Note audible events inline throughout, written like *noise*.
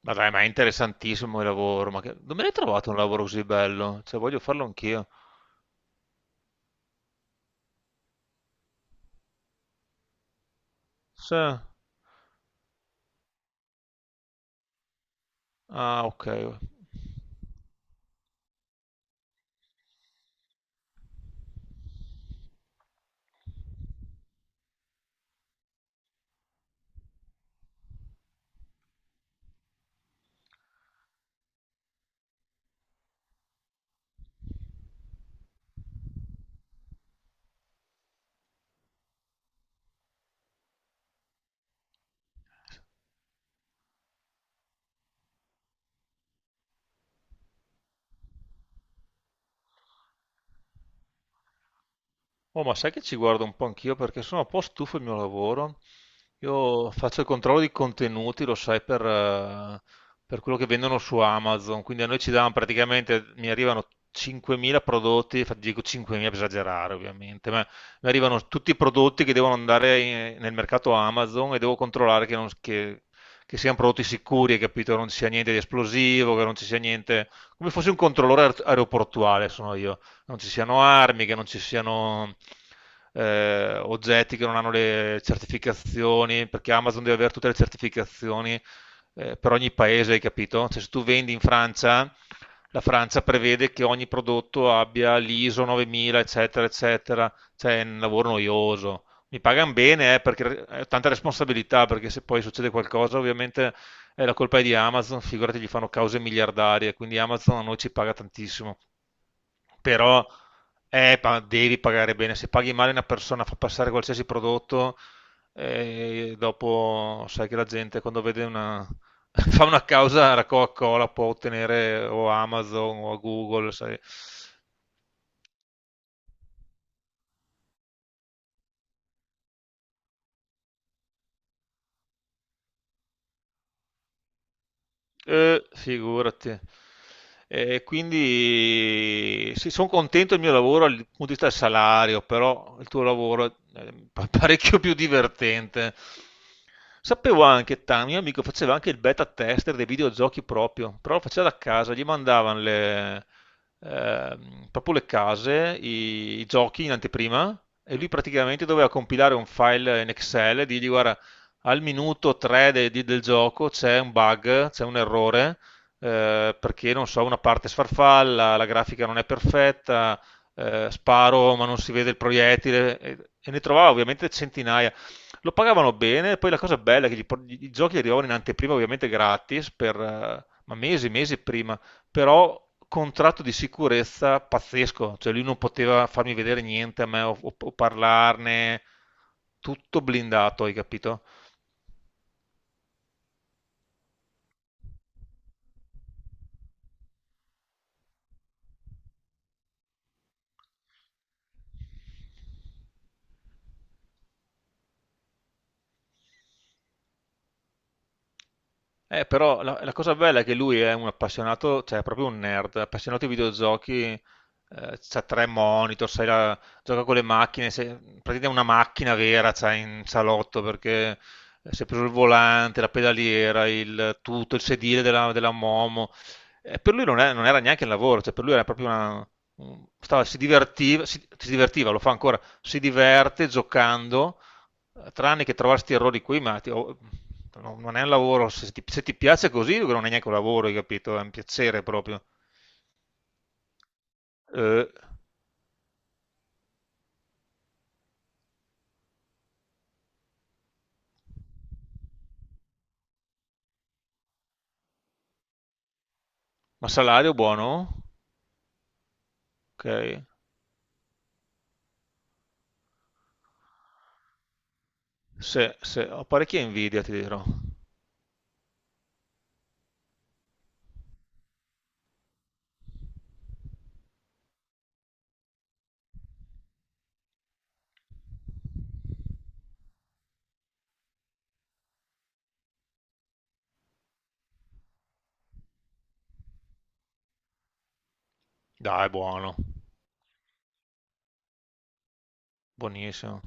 Vabbè, ma è interessantissimo il lavoro. Ma che... Non me ne hai trovato un lavoro così bello? Cioè, voglio farlo anch'io. Sì. Ah, ok. Oh, ma sai che ci guardo un po' anch'io perché sono un po' stufo del mio lavoro. Io faccio il controllo di contenuti, lo sai, per quello che vendono su Amazon. Quindi a noi ci danno praticamente, mi arrivano 5.000 prodotti, infatti dico 5.000 per esagerare ovviamente, ma mi arrivano tutti i prodotti che devono andare nel mercato Amazon e devo controllare che, che siano prodotti sicuri, hai capito? Non ci sia niente di esplosivo, che non ci sia niente... Come fosse un controllore aeroportuale sono io, non ci siano armi, che non ci siano oggetti che non hanno le certificazioni, perché Amazon deve avere tutte le certificazioni per ogni paese, hai capito? Cioè, se tu vendi in Francia, la Francia prevede che ogni prodotto abbia l'ISO 9000, eccetera, eccetera. Cioè, è un lavoro noioso. Mi pagano bene, perché è tanta responsabilità, perché se poi succede qualcosa, ovviamente la colpa è di Amazon, figurati, gli fanno cause miliardarie, quindi Amazon a noi ci paga tantissimo, però devi pagare bene. Se paghi male una persona, fa passare qualsiasi prodotto, dopo sai che la gente quando vede una... *laughs* fa una causa alla Coca-Cola, può ottenere o Amazon o a Google, sai. Figurati. E quindi sì, sono contento del mio lavoro dal punto di vista del salario, però il tuo lavoro è *laughs* parecchio più divertente. Sapevo anche, Tami, mio amico faceva anche il beta tester dei videogiochi proprio, però lo faceva da casa, gli mandavano le, proprio le case, i giochi in anteprima e lui praticamente doveva compilare un file in Excel e dirgli guarda, al minuto 3 del gioco c'è un bug, c'è un errore, perché non so, una parte sfarfalla, la grafica non è perfetta, sparo ma non si vede il proiettile e ne trovavo ovviamente centinaia. Lo pagavano bene, poi la cosa bella è che i giochi arrivavano in anteprima ovviamente gratis per ma mesi, mesi prima, però contratto di sicurezza pazzesco, cioè lui non poteva farmi vedere niente a me o parlarne, tutto blindato, hai capito? Però la cosa bella è che lui è un appassionato, cioè è proprio un nerd, appassionato di videogiochi, c'ha tre monitor, sai, gioca con le macchine, praticamente è una macchina vera, c'ha in salotto perché si è preso il volante, la pedaliera, il tutto, il sedile della Momo. Per lui non era neanche il lavoro, cioè per lui era proprio una... si divertiva, si divertiva, lo fa ancora, si diverte giocando, tranne che trovarsi questi errori qui, ma oh, no, non è un lavoro, se ti, se ti piace così non è neanche un lavoro, hai capito? È un piacere proprio. Eh, ma salario buono? Ok, ho parecchia invidia, ti dirò. Dai, buono, buonissimo.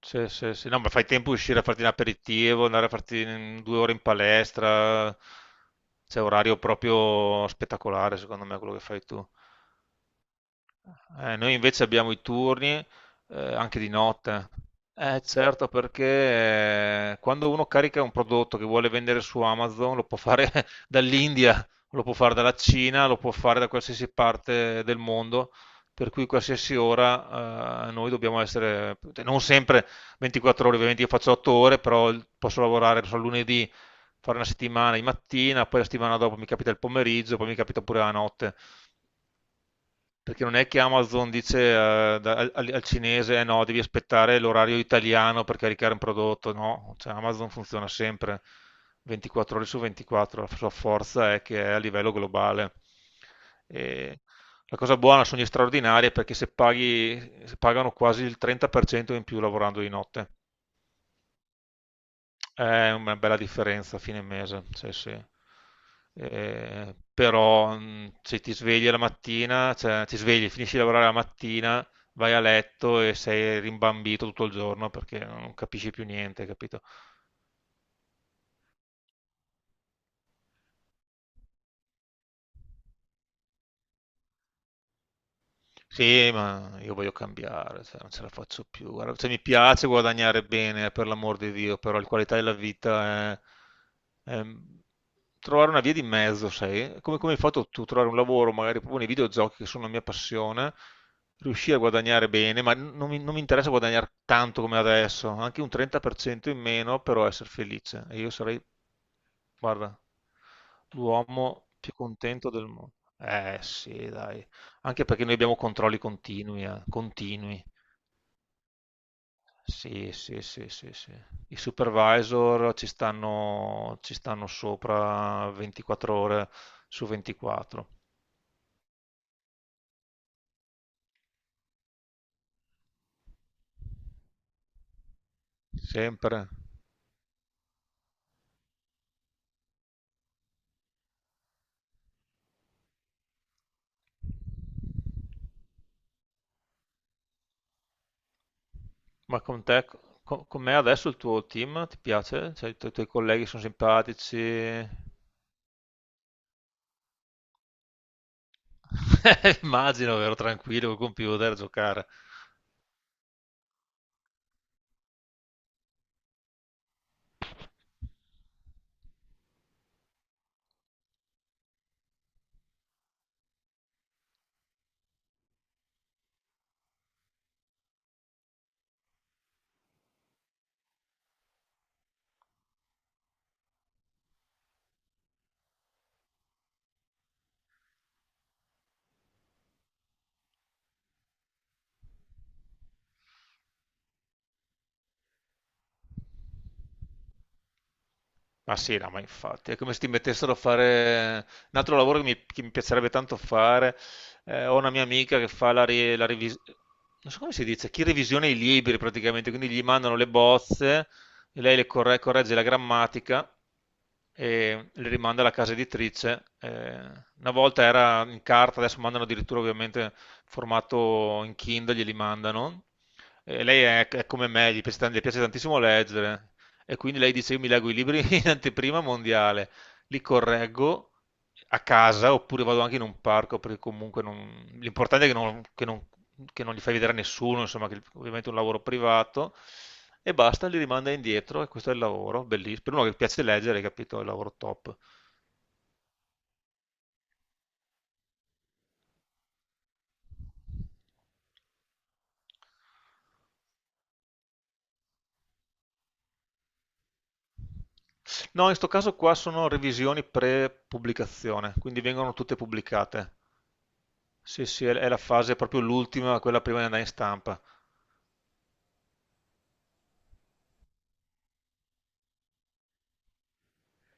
Sì, sì, sì. No, ma fai tempo a uscire a farti un aperitivo, andare a farti 2 ore in palestra. C'è orario proprio spettacolare, secondo me, quello che fai tu. Noi invece abbiamo i turni anche di notte. Certo, perché quando uno carica un prodotto che vuole vendere su Amazon, lo può fare *laughs* dall'India, lo può fare dalla Cina, lo può fare da qualsiasi parte del mondo, per cui qualsiasi ora noi dobbiamo essere, non sempre 24 ore, ovviamente io faccio 8 ore, però posso lavorare, non so, lunedì, fare una settimana di mattina, poi la settimana dopo mi capita il pomeriggio, poi mi capita pure la notte. Perché non è che Amazon dice al cinese, eh no, devi aspettare l'orario italiano per caricare un prodotto, no, cioè Amazon funziona sempre 24 ore su 24, la sua forza è che è a livello globale. E la cosa buona sono gli straordinari perché se pagano quasi il 30% in più lavorando di notte. È una bella differenza a fine mese, sì, sì. Però se ti svegli la mattina, cioè ti svegli, finisci di lavorare la mattina, vai a letto e sei rimbambito tutto il giorno perché non capisci più niente, capito? Sì, ma io voglio cambiare, cioè, non ce la faccio più. Guarda, cioè, mi piace guadagnare bene, per l'amor di Dio, però la qualità della vita è trovare una via di mezzo, sai? Come, come hai fatto tu, trovare un lavoro, magari proprio nei videogiochi che sono la mia passione, riuscire a guadagnare bene, ma non mi interessa guadagnare tanto come adesso, anche un 30% in meno, però essere felice. E io sarei, guarda, l'uomo più contento del mondo. Eh sì, dai. Anche perché noi abbiamo controlli continui, continui. Sì, sì, sì, sì, sì. I supervisor ci stanno sopra 24 ore su 24, sempre. Ma con te, me adesso il tuo team ti piace? Cioè, i tuoi colleghi sono simpatici? *laughs* Immagino, vero, tranquillo col computer a giocare. Ma sì, no, ma infatti, è come se ti mettessero a fare un altro lavoro che che mi piacerebbe tanto fare. Ho una mia amica che fa la revisione, non so come si dice, chi revisiona i libri praticamente, quindi gli mandano le bozze, e lei corregge la grammatica e le rimanda alla casa editrice. Una volta era in carta, adesso mandano addirittura ovviamente formato in Kindle, glieli mandano. E lei è come me, gli piace, gli piace tantissimo leggere. E quindi lei dice: Io mi leggo i libri *laughs* in anteprima mondiale, li correggo a casa oppure vado anche in un parco perché comunque l'importante è che che non li fai vedere a nessuno, insomma, che ovviamente è un lavoro privato e basta, li rimanda indietro e questo è il lavoro, bellissimo. Per uno che piace leggere, hai capito, è il lavoro top. No, in questo caso qua sono revisioni pre-pubblicazione, quindi vengono tutte pubblicate. Sì, sì, è la fase proprio l'ultima, quella prima di andare in stampa.